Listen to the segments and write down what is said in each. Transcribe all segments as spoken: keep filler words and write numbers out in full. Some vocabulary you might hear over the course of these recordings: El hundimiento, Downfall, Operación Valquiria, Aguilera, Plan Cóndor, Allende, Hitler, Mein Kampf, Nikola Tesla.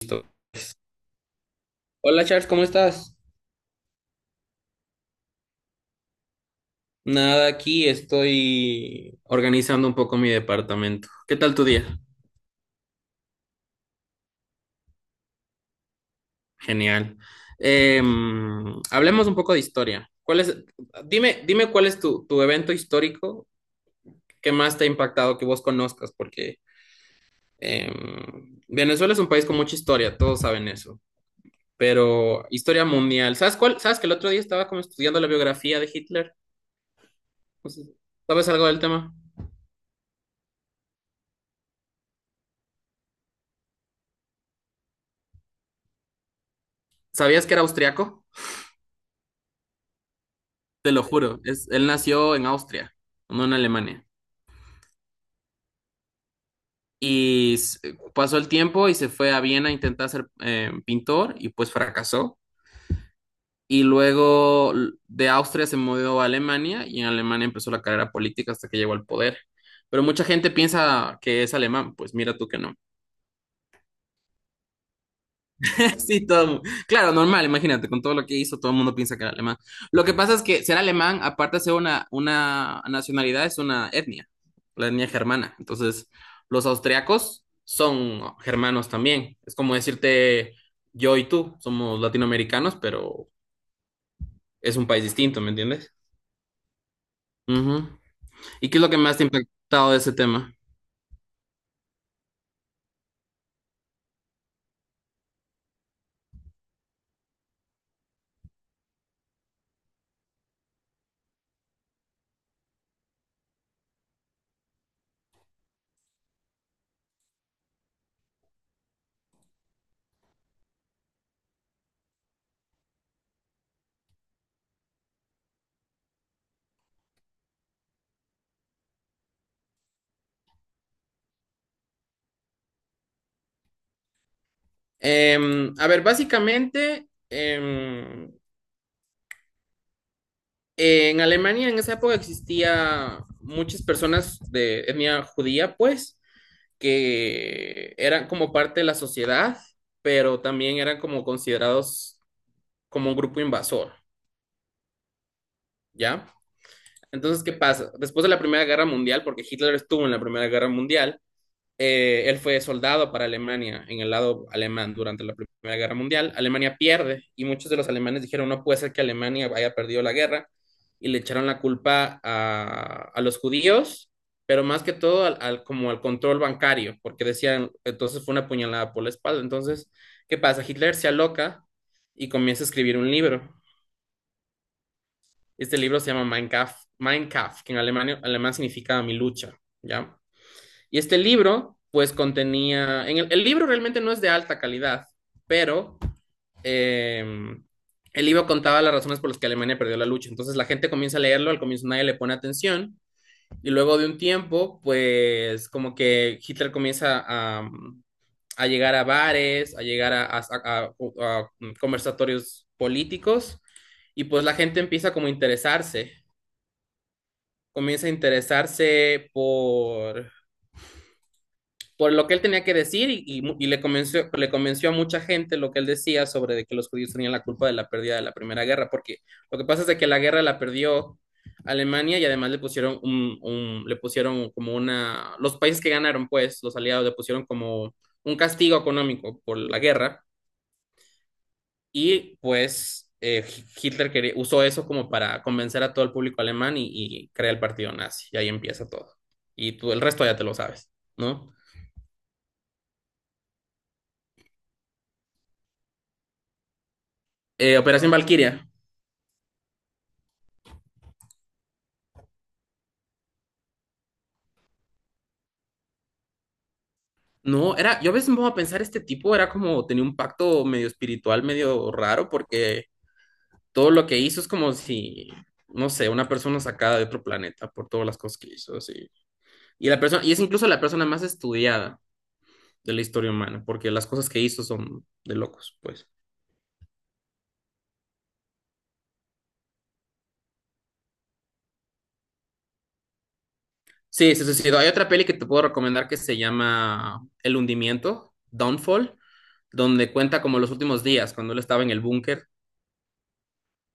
Listo. Hola Charles, ¿cómo estás? Nada, aquí estoy organizando un poco mi departamento. ¿Qué tal tu día? Genial. Em, hablemos un poco de historia. ¿Cuál es, dime, dime cuál es tu, tu evento histórico que más te ha impactado, que vos conozcas, porque em, Venezuela es un país con mucha historia, todos saben eso, pero historia mundial. ¿Sabes cuál? ¿Sabes que el otro día estaba como estudiando la biografía de Hitler? No sé, ¿sabes algo del tema? ¿Sabías que era austriaco? Te lo juro, es, él nació en Austria, no en Alemania. Y s- Pasó el tiempo y se fue a Viena a intentar ser eh, pintor y pues fracasó. Y luego l- de Austria se mudó a Alemania y en Alemania empezó la carrera política hasta que llegó al poder. Pero mucha gente piensa que es alemán, pues mira tú que no. Sí, todo. Claro, normal, imagínate, con todo lo que hizo, todo el mundo piensa que era alemán. Lo que pasa es que ser alemán, aparte de ser una, una nacionalidad, es una etnia, la etnia germana. Entonces, los austriacos son germanos también. Es como decirte, yo y tú somos latinoamericanos, pero es un país distinto, ¿me entiendes? Ujú. ¿Y qué es lo que más te ha impactado de ese tema? Em, a ver, básicamente, em, eh, en Alemania en esa época existía muchas personas de etnia judía, pues, que eran como parte de la sociedad, pero también eran como considerados como un grupo invasor, ¿ya? Entonces, ¿qué pasa? Después de la Primera Guerra Mundial, porque Hitler estuvo en la Primera Guerra Mundial. Eh, él fue soldado para Alemania en el lado alemán durante la Primera Guerra Mundial. Alemania pierde y muchos de los alemanes dijeron, no puede ser que Alemania haya perdido la guerra y le echaron la culpa a, a los judíos, pero más que todo al, al- como al control bancario, porque decían, entonces fue una puñalada por la espalda. Entonces, ¿qué pasa? Hitler se aloca y comienza a escribir un libro. Este libro se llama Mein Kampf, Mein Kampf, que en alemán, alemán significa mi lucha, ¿ya? Y este libro, pues contenía, en el, el libro realmente no es de alta calidad, pero eh, el libro contaba las razones por las que Alemania perdió la lucha. Entonces la gente comienza a leerlo, al comienzo nadie le pone atención, y luego de un tiempo, pues como que Hitler comienza a, mm, a llegar a bares, a llegar a, a, a, a conversatorios políticos, y pues la gente empieza como a interesarse, comienza a interesarse por, por lo que él tenía que decir y, y- y le convenció, le convenció a mucha gente lo que él decía sobre de que los judíos tenían la culpa de la pérdida de la Primera Guerra, porque lo que pasa es de que la guerra la perdió Alemania y además le pusieron un, un- le pusieron como una, los países que ganaron, pues, los aliados le pusieron como un castigo económico por la guerra y pues eh, Hitler quería- usó eso como para convencer a todo el público alemán y, y crea el partido nazi y ahí empieza todo. Y tú el resto ya te lo sabes, ¿no? Eh, Operación Valquiria. No, era, yo a veces me pongo a pensar, este tipo era como, tenía un pacto medio espiritual, medio raro, porque todo lo que hizo es como si, no sé, una persona sacada de otro planeta por todas las cosas que hizo, así. Y la persona, y es incluso la persona más estudiada de la historia humana, porque las cosas que hizo son de locos, pues. Sí, se suicidó. Hay otra peli que te puedo recomendar que se llama El hundimiento, Downfall, donde cuenta como los últimos días, cuando él estaba en el búnker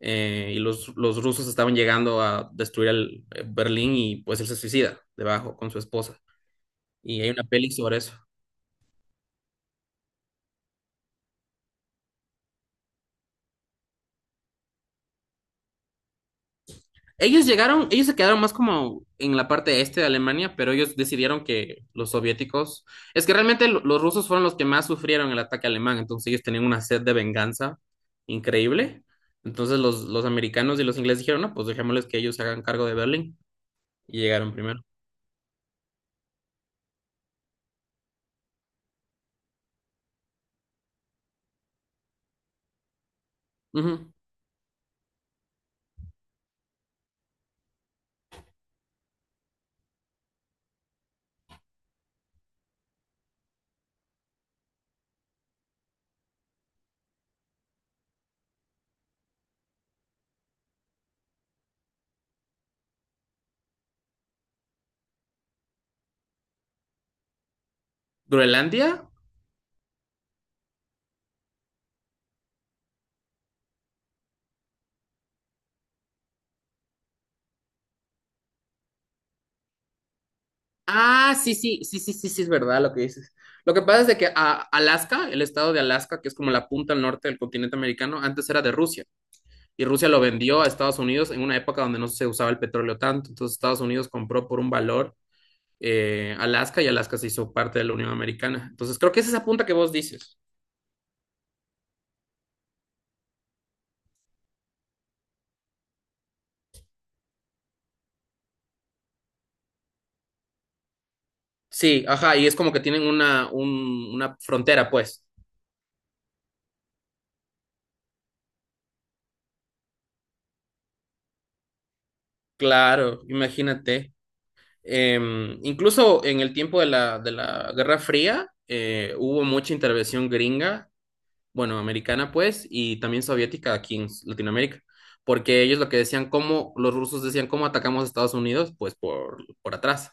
eh, y los, los rusos estaban llegando a destruir el, eh, Berlín y pues él se suicida debajo con su esposa. Y hay una peli sobre eso. Ellos llegaron, ellos se quedaron más como en la parte este de Alemania, pero ellos decidieron que los soviéticos, es que realmente lo- los rusos fueron los que más sufrieron el ataque alemán, entonces ellos tenían una sed de venganza increíble. Entonces los, los americanos y los ingleses dijeron, no, pues dejémosles que ellos se hagan cargo de Berlín y llegaron primero. Ujú. Groenlandia. Ah, sí, sí, sí, sí, sí, sí, es verdad lo que dices. Lo que pasa es de que a- Alaska, el estado de Alaska, que es como la punta al norte del continente americano, antes era de Rusia y Rusia lo vendió a Estados Unidos en una época donde no se usaba el petróleo tanto. Entonces Estados Unidos compró por un valor eh, Alaska, y Alaska se hizo parte de la Unión Americana. Entonces creo que es esa punta que vos dices. Sí, ajá, y es como que tienen una, un- una frontera, pues. Claro, imagínate. Eh, incluso en el tiempo de la, de la Guerra Fría eh, hubo mucha intervención gringa, bueno, americana pues, y también soviética aquí en Latinoamérica, porque ellos lo que decían, cómo, los rusos decían, ¿cómo atacamos a Estados Unidos? Pues por, por atrás,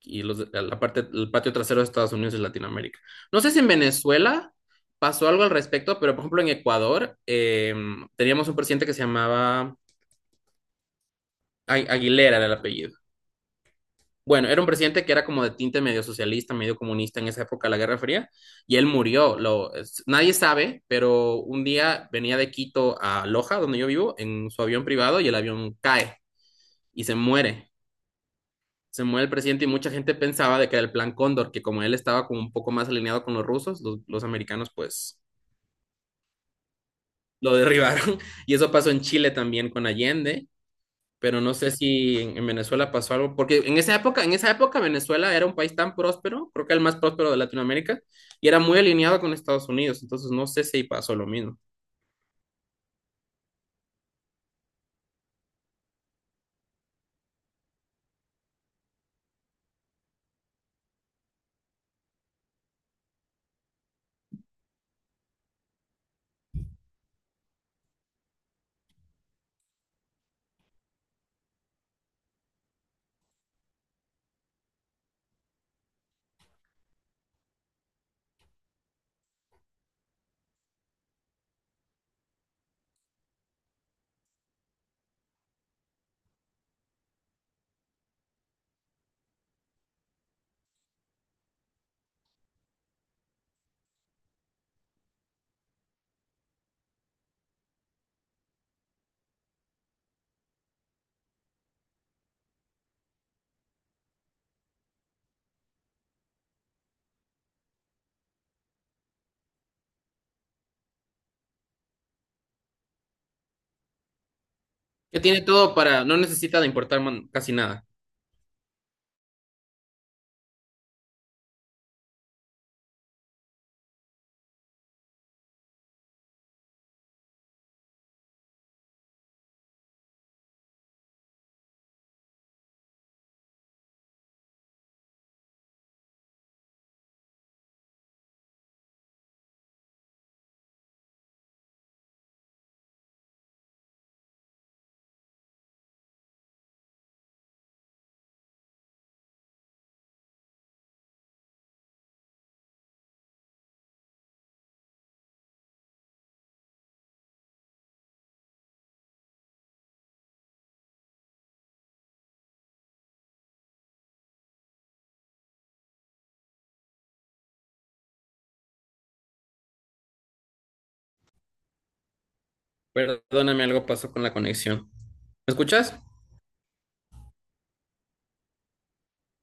y los, de- la parte, el patio trasero de Estados Unidos y Latinoamérica. No sé si en Venezuela pasó algo al respecto, pero por ejemplo en Ecuador eh, teníamos un presidente que se llamaba Ai- Aguilera, era el apellido. Bueno, era un presidente que era como de tinte medio socialista, medio comunista en esa época de la Guerra Fría, y él murió. Lo, es- nadie sabe, pero un día venía de Quito a Loja, donde yo vivo, en su avión privado y el avión cae y se muere. Se muere el presidente y mucha gente pensaba de que era el plan Cóndor, que como él estaba como un poco más alineado con los rusos, los, los americanos pues lo derribaron. Y eso pasó en Chile también con Allende. Pero no sé si en, en Venezuela pasó algo, porque en esa época, en esa época Venezuela era un país tan próspero, creo que el más próspero de Latinoamérica, y era muy alineado con Estados Unidos, entonces no sé si pasó lo mismo. Que tiene todo para, no necesita de importar man- casi nada. Perdóname, algo pasó con la conexión. ¿Me escuchas?